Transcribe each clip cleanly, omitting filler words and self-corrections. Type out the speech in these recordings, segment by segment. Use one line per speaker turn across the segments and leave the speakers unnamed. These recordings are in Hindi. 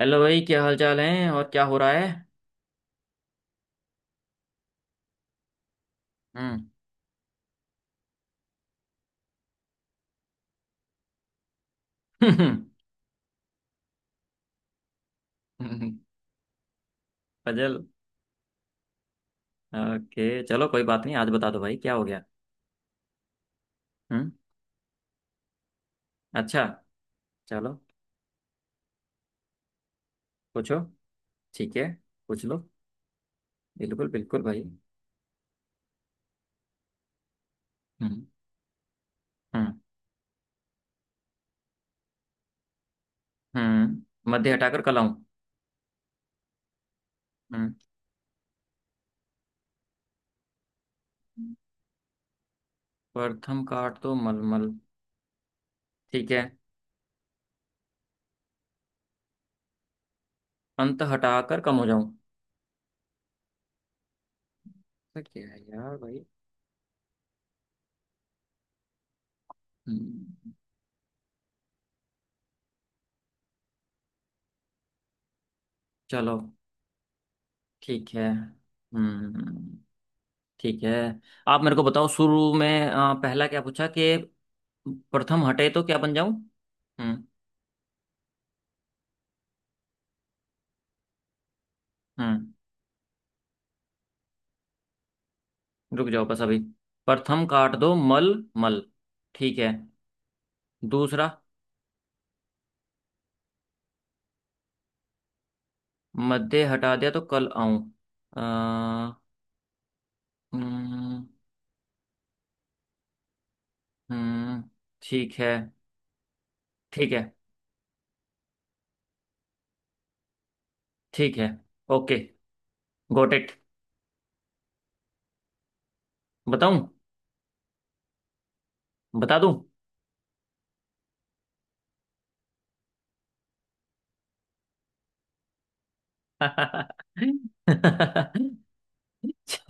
हेलो भाई, क्या हाल चाल है और क्या हो रहा है? हम्म। पजल। ओके, चलो कोई बात नहीं, आज बता दो भाई क्या हो गया। हम्म। अच्छा। चलो पूछो, ठीक है पूछ लो। बिल्कुल बिल्कुल भाई। हम्म। हम्म। मध्य हटाकर कलाऊं। हम्म प्रथम काट तो मलमल, ठीक है। अंत हटाकर कम हो जाऊं। ऐसा क्या है यार भाई। हम्म, चलो ठीक है। ठीक है। आप मेरे को बताओ, शुरू में पहला क्या पूछा कि प्रथम हटे तो क्या बन जाऊं। हम्म। हम्म रुक जाओ बस अभी। प्रथम काट दो मल मल, ठीक है। दूसरा, मध्य हटा दिया तो कल आऊं। अ, हम्म। हम्म, ठीक है। ठीक है। ठीक है, ओके, गोट इट। बताऊं? बता दूं?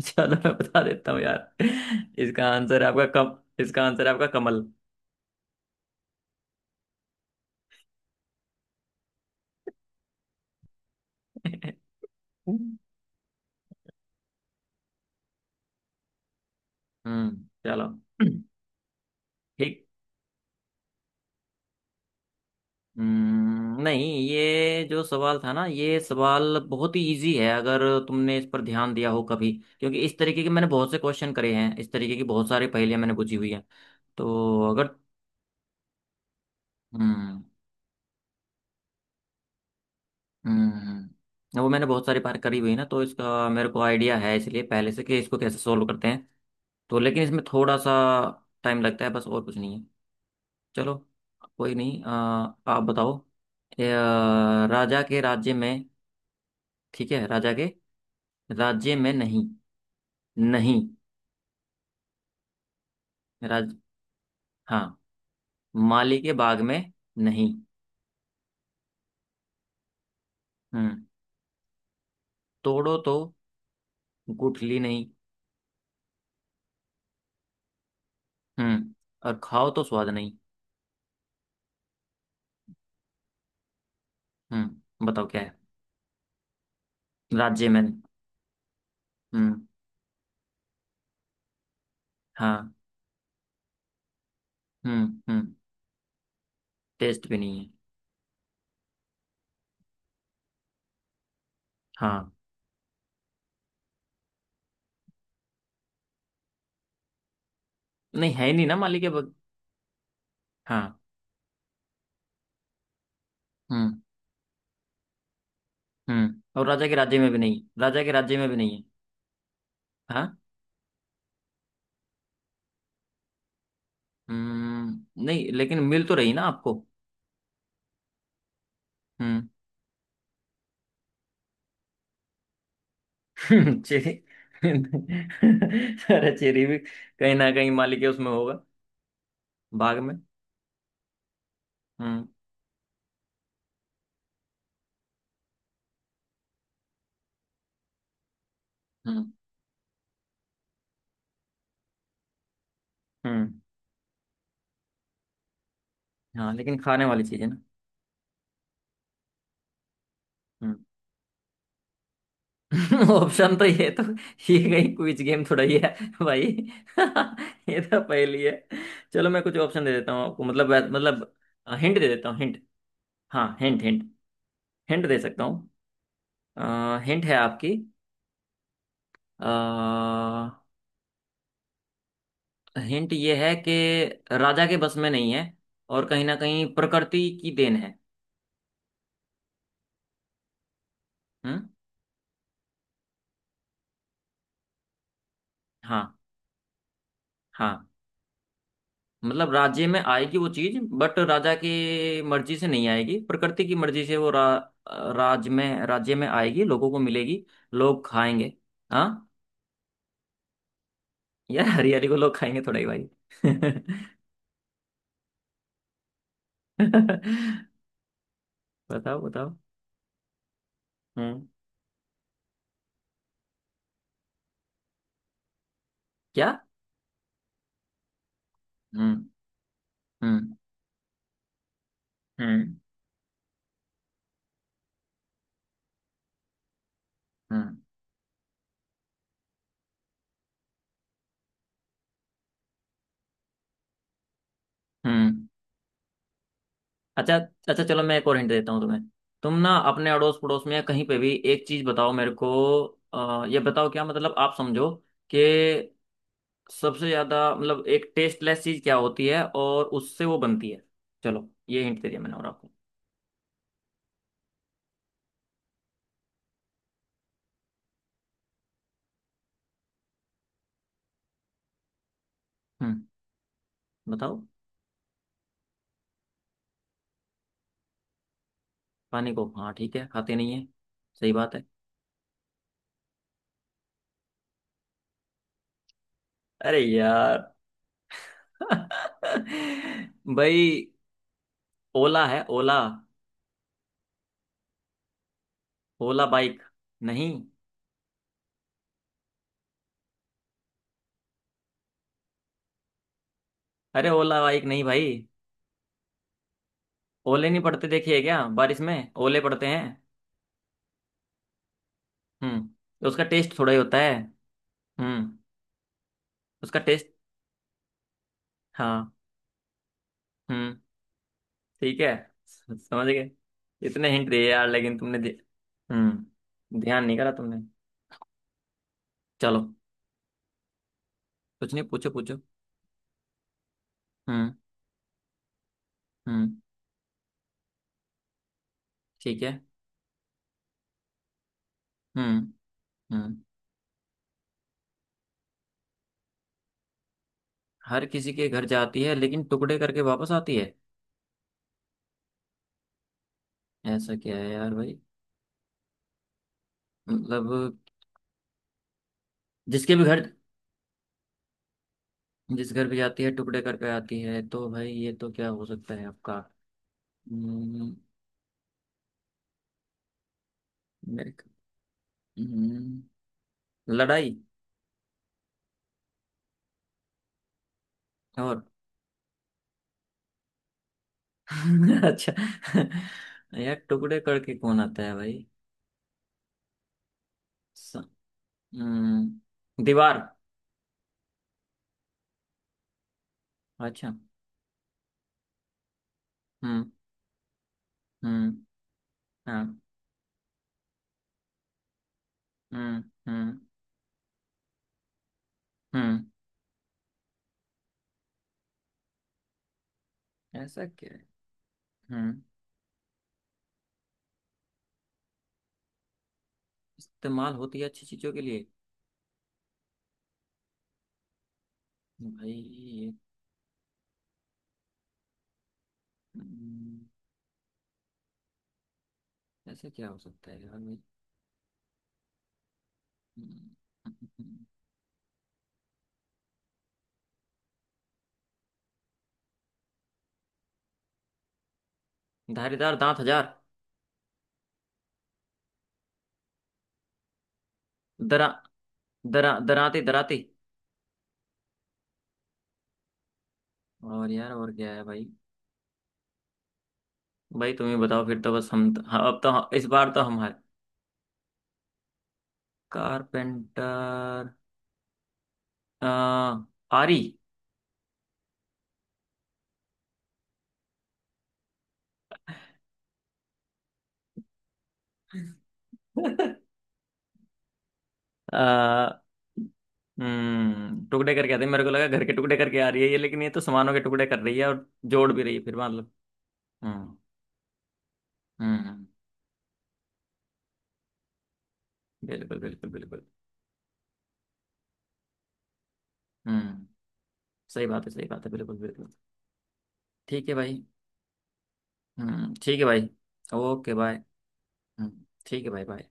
चलो मैं बता देता हूँ यार। इसका आंसर है आपका कम। इसका आंसर है आपका कमल। चलो। ठीक। नहीं ये जो सवाल था ना, ये सवाल बहुत ही इजी है, अगर तुमने इस पर ध्यान दिया हो कभी। क्योंकि इस तरीके के मैंने बहुत से क्वेश्चन करे हैं, इस तरीके की बहुत सारी पहेलियां मैंने बुझी हुई हैं। तो अगर, हम्म। वो मैंने बहुत सारी बार करी हुई है ना, तो इसका मेरे को आइडिया है इसलिए पहले से कि इसको कैसे सोल्व करते हैं। तो लेकिन इसमें थोड़ा सा टाइम लगता है बस, और कुछ नहीं है। चलो, कोई नहीं। आप बताओ। राजा के राज्य में, ठीक है। राजा के राज्य में नहीं, नहीं। राज, हाँ। माली के बाग में नहीं। हम्म। तोड़ो तो गुठली नहीं। हम्म। और खाओ तो स्वाद नहीं। हम्म, बताओ क्या है। राज्य में नहीं। हम्म। हाँ। हम्म। हम्म, टेस्ट भी नहीं है। हाँ, नहीं है ही नहीं ना माली के बाग। हाँ। हम्म। और राजा के राज्य में भी नहीं, राजा के राज्य में भी नहीं है। हाँ। नहीं, लेकिन मिल तो रही ना आपको। हम्म। चेरी। अरे चेरी भी कहीं ना कहीं माली के उसमें होगा, भाग में। हम्म। हम्म। हम्म। हाँ लेकिन खाने वाली चीज है ना। हम्म। ऑप्शन? तो ये कहीं क्विज गेम थोड़ा ही है भाई। ये तो पहेली है। चलो मैं कुछ ऑप्शन दे देता हूँ आपको। मतलब हिंट दे देता हूँ, हिंट। हाँ हिंट, हिंट। हिंट दे सकता हूँ। हिंट है आपकी। हिंट ये है कि राजा के बस में नहीं है, और कहीं ना कहीं प्रकृति की देन है। हम्म। हाँ। हाँ, मतलब राज्य में आएगी वो चीज, बट राजा की मर्जी से नहीं आएगी, प्रकृति की मर्जी से वो राज्य में, राज्य में आएगी, लोगों को मिलेगी, लोग खाएंगे। हाँ यार, हरियाली को लोग खाएंगे थोड़ा ही भाई। बताओ बताओ। हम्म। क्या? हम्म। हम्म। हम्म। हम्म। हम्म। अच्छा। अच्छा चलो मैं एक और हिंट देता हूँ तुम्हें। तुम ना अपने अड़ोस पड़ोस में या कहीं पे भी एक चीज बताओ मेरे को। ये बताओ क्या, मतलब आप समझो कि सबसे ज्यादा मतलब एक टेस्टलेस चीज क्या होती है और उससे वो बनती है। चलो ये हिंट दे दिया मैंने और आपको। हम्म। बताओ। पानी को, हाँ ठीक है खाते नहीं है, सही बात है। अरे यार। भाई, ओला है ओला। ओला बाइक नहीं। अरे ओला बाइक नहीं भाई। ओले नहीं पड़ते देखिए क्या, बारिश में ओले पड़ते हैं। उसका टेस्ट थोड़ा ही होता है। हम्म उसका टेस्ट, हाँ। हम्म ठीक है, समझ गए। इतने हिंट दिए यार लेकिन तुमने, हम्म, ध्यान नहीं करा तुमने। चलो, कुछ नहीं, पूछो पूछो। हम्म। हम्म। ठीक है। हम्म। हम्म। हर किसी के घर जाती है लेकिन टुकड़े करके वापस आती है। ऐसा क्या है यार भाई, मतलब। जिसके भी घर, जिस घर भी जाती है टुकड़े करके आती है, तो भाई ये तो क्या हो सकता है आपका। हम्म, मेरे, हम्म, लड़ाई। और अच्छा। यार टुकड़े करके कौन आता है भाई। स- दीवार। अच्छा। हम्म। हम्म। हाँ। हम्म। हम्म। हम्म। ऐसा क्या है। हम्म इस्तेमाल होती है अच्छी चीजों के लिए। भाई ये, हम्म, ऐसा क्या हो सकता है यार भाई। हम्म, धारीदार दांत हजार। दरा दरा दराते दराते। और यार और क्या है भाई। भाई तुम ही बताओ, फिर तो बस हम तो, हाँ, अब तो हाँ, इस बार तो हमारे। कारपेंटर, आ, आरी। आ, टुकड़े करके आते हैं। मेरे को लगा घर के टुकड़े करके आ रही है ये, लेकिन ये तो सामानों के टुकड़े कर रही है और जोड़ भी रही है फिर, मतलब। हम्म। हम्म। बिल्कुल बिल्कुल बिल्कुल। हम्म सही बात है, सही बात है, बिल्कुल बिल्कुल। ठीक है भाई। ठीक है भाई। Okay bye. ठीक है भाई, बाय।